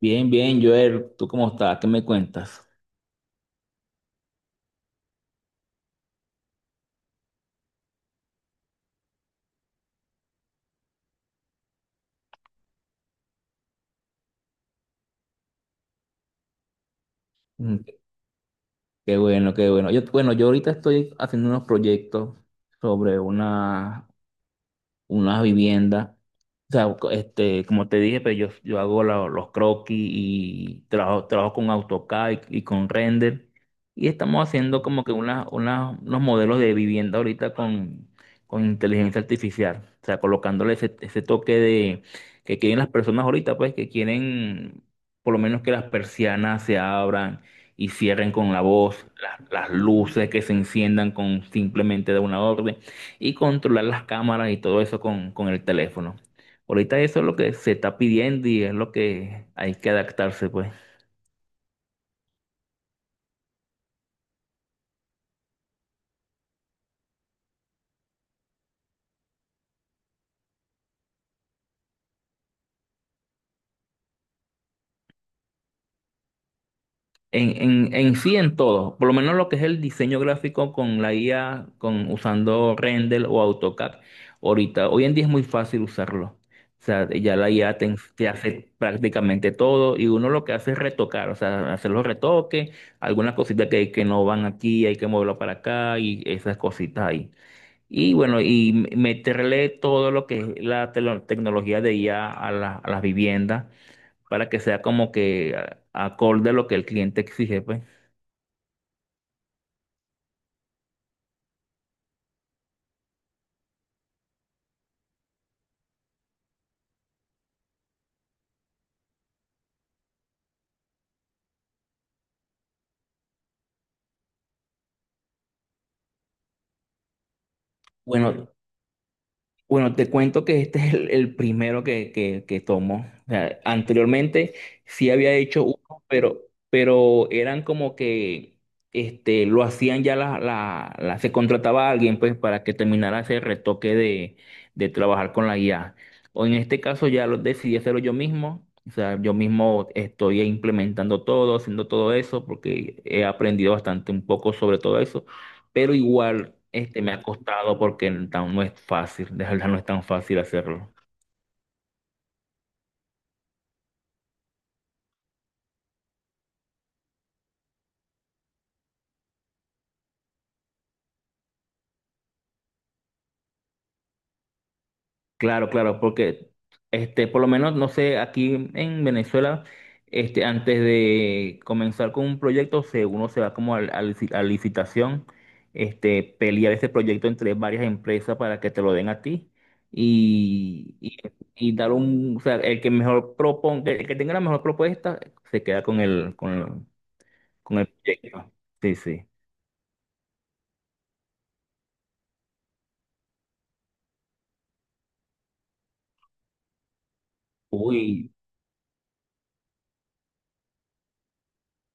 Bien, bien, Joel, ¿tú cómo estás? ¿Qué me cuentas? Mm, Qué bueno, qué bueno. Yo ahorita estoy haciendo unos proyectos sobre unas viviendas. O sea, como te dije, pues yo hago los croquis y trabajo con AutoCAD y con render. Y estamos haciendo como que unos modelos de vivienda ahorita con inteligencia artificial. O sea, colocándole ese toque de que quieren las personas ahorita, pues que quieren por lo menos que las persianas se abran y cierren con la voz, las luces que se enciendan con simplemente de una orden y controlar las cámaras y todo eso con el teléfono. Ahorita eso es lo que se está pidiendo y es lo que hay que adaptarse, pues. En sí, en todo, por lo menos lo que es el diseño gráfico con la IA, con, usando Render o AutoCAD, ahorita, hoy en día es muy fácil usarlo. O sea, ya la IA te hace prácticamente todo y uno lo que hace es retocar, o sea, hacer los retoques, algunas cositas que no van aquí, hay que moverlo para acá y esas cositas ahí. Y bueno, y meterle todo lo que es la tecnología de IA a las viviendas para que sea como que acorde a lo que el cliente exige, pues. Bueno, Bueno, te cuento que este es el primero que tomo. O sea, anteriormente sí había hecho uno, pero eran como que este, lo hacían ya se contrataba a alguien pues para que terminara ese retoque de trabajar con la IA. O en este caso ya lo decidí hacerlo yo mismo. O sea, yo mismo estoy implementando todo, haciendo todo eso, porque he aprendido bastante un poco sobre todo eso, pero igual este me ha costado porque no es fácil, de verdad no es tan fácil hacerlo. Claro, claro, porque este, por lo menos, no sé, aquí en Venezuela, este, antes de comenzar con un proyecto, se, uno se va como a licitación, este, pelear ese proyecto entre varias empresas para que te lo den a ti y, y, y dar un, o sea, el que mejor proponga, el que tenga la mejor propuesta, se queda con el proyecto. Sí, sí. Uy.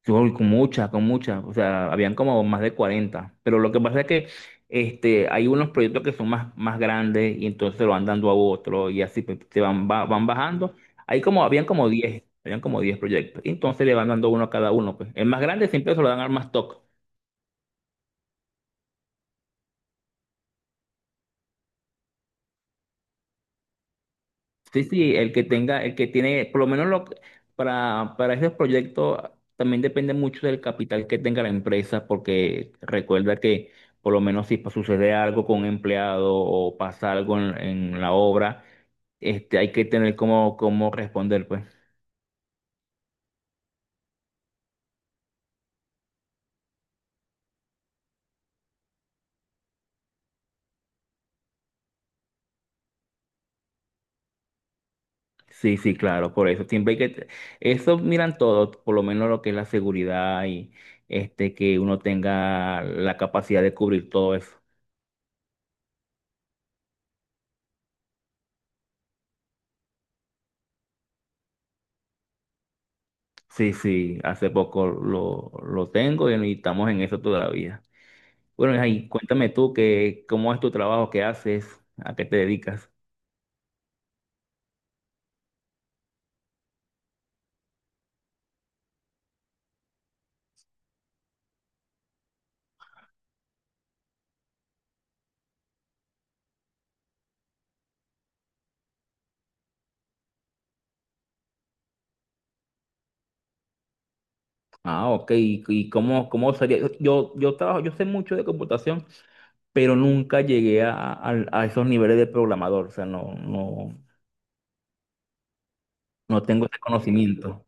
Yo, con muchas, o sea, habían como más de 40, pero lo que pasa es que este, hay unos proyectos que son más grandes y entonces se lo van dando a otro y así pues, se van, van bajando. Hay como, habían como 10 habían como 10 proyectos, y entonces le van dando uno a cada uno, pues. El más grande siempre se lo dan al más top. Sí, sí, el que tenga, el que tiene, por lo menos lo, para esos proyectos también depende mucho del capital que tenga la empresa, porque recuerda que por lo menos si sucede algo con un empleado o pasa algo en la obra, este, hay que tener cómo responder, pues. Sí, sí, claro, por eso siempre hay eso miran todos, por lo menos lo que es la seguridad y este, que uno tenga la capacidad de cubrir todo eso. Sí, sí, hace poco lo tengo y estamos en eso todavía. Bueno, ahí, cuéntame tú que, cómo es tu trabajo, qué haces, a qué te dedicas. Ah, ok, y cómo, cómo sería. Yo trabajo, yo sé mucho de computación, pero nunca llegué a esos niveles de programador, o sea, no tengo ese conocimiento.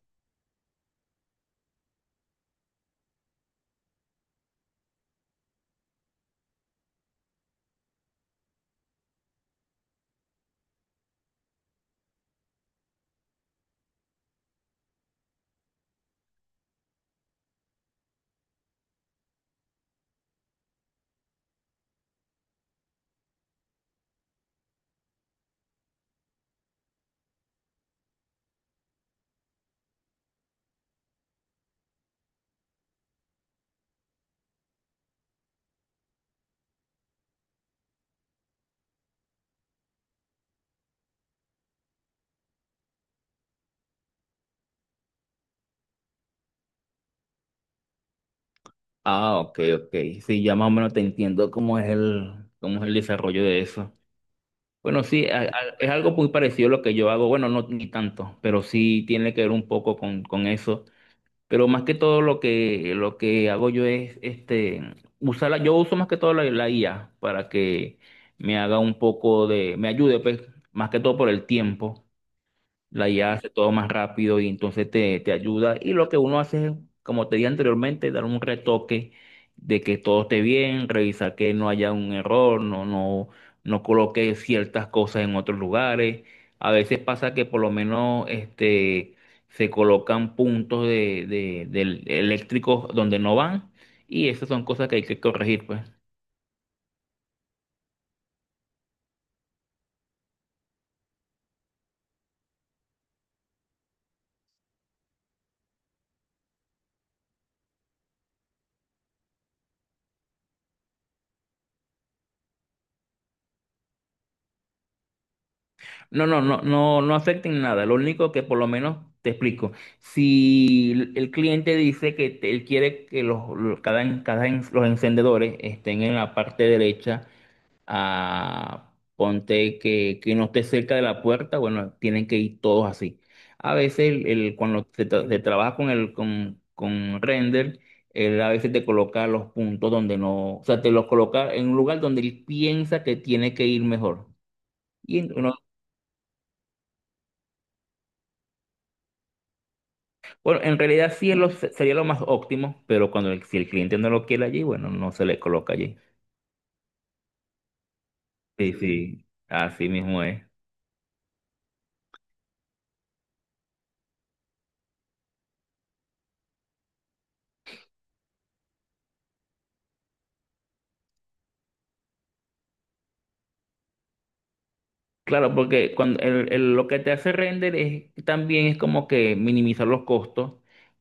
Ah, ok, ok. Sí, ya más o menos te entiendo cómo es cómo es el desarrollo de eso. Bueno, sí, es algo muy parecido a lo que yo hago. Bueno, no ni tanto, pero sí tiene que ver un poco con eso. Pero más que todo lo lo que hago yo es este, usarla. Yo uso más que todo la IA para que me haga un poco de, me ayude, pues, más que todo por el tiempo. La IA hace todo más rápido y entonces te ayuda. Y lo que uno hace es, como te dije anteriormente, dar un retoque de que todo esté bien, revisar que no haya un error, no coloque ciertas cosas en otros lugares. A veces pasa que por lo menos este, se colocan puntos eléctricos donde no van y esas son cosas que hay que corregir, pues. No afecten nada. Lo único que por lo menos te explico. Si el cliente dice él quiere que los encendedores estén en la parte derecha, ah, ponte que no esté cerca de la puerta, bueno, tienen que ir todos así. A veces cuando se trabaja con el con render, él a veces te coloca los puntos donde no, o sea, te los coloca en un lugar donde él piensa que tiene que ir mejor. y en- Bueno, en realidad sí es sería lo más óptimo, pero cuando el, si el cliente no lo quiere allí, bueno, no se le coloca allí. Sí, sí, así mismo es. Claro, porque cuando lo que te hace render es también es como que minimizar los costos,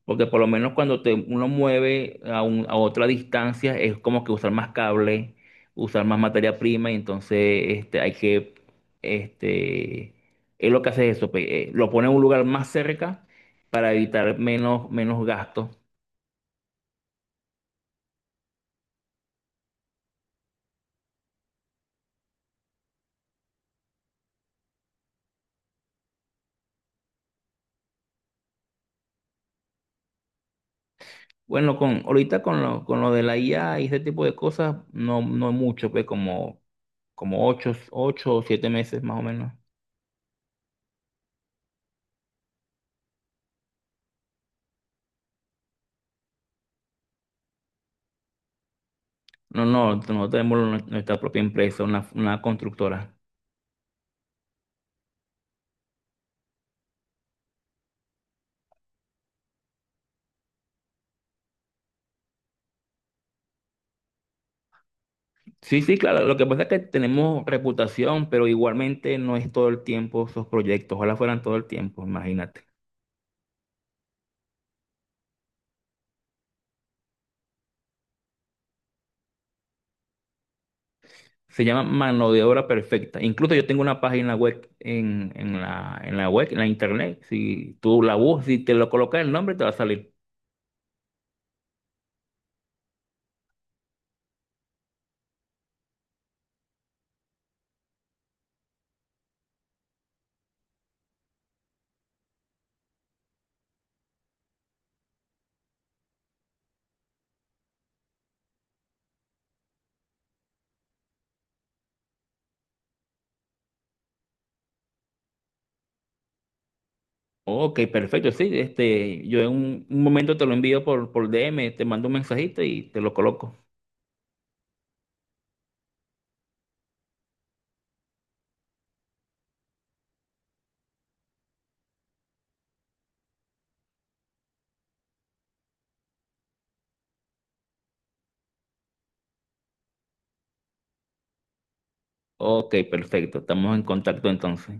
porque por lo menos cuando te, uno mueve a otra distancia es como que usar más cable, usar más materia prima, y entonces este, hay que, este, es lo que hace eso, pues, lo pone en un lugar más cerca para evitar menos, menos gastos. Bueno, con, ahorita con lo de la IA y ese tipo de cosas, no, no mucho, pues como, como 8, 8 o 7 meses más o menos. No, no, nuestra propia empresa, una constructora. Sí, sí, claro, lo que pasa es que tenemos reputación, pero igualmente no es todo el tiempo esos proyectos, ojalá fueran todo el tiempo, imagínate. Se llama mano de obra perfecta. Incluso yo tengo una página web en en la web, en la internet. Si tú la buscas, si te lo colocas el nombre, te va a salir. Ok, perfecto. Sí, este, yo en un momento te lo envío por DM. Te mando un mensajito y te lo coloco. Ok, perfecto. Estamos en contacto entonces.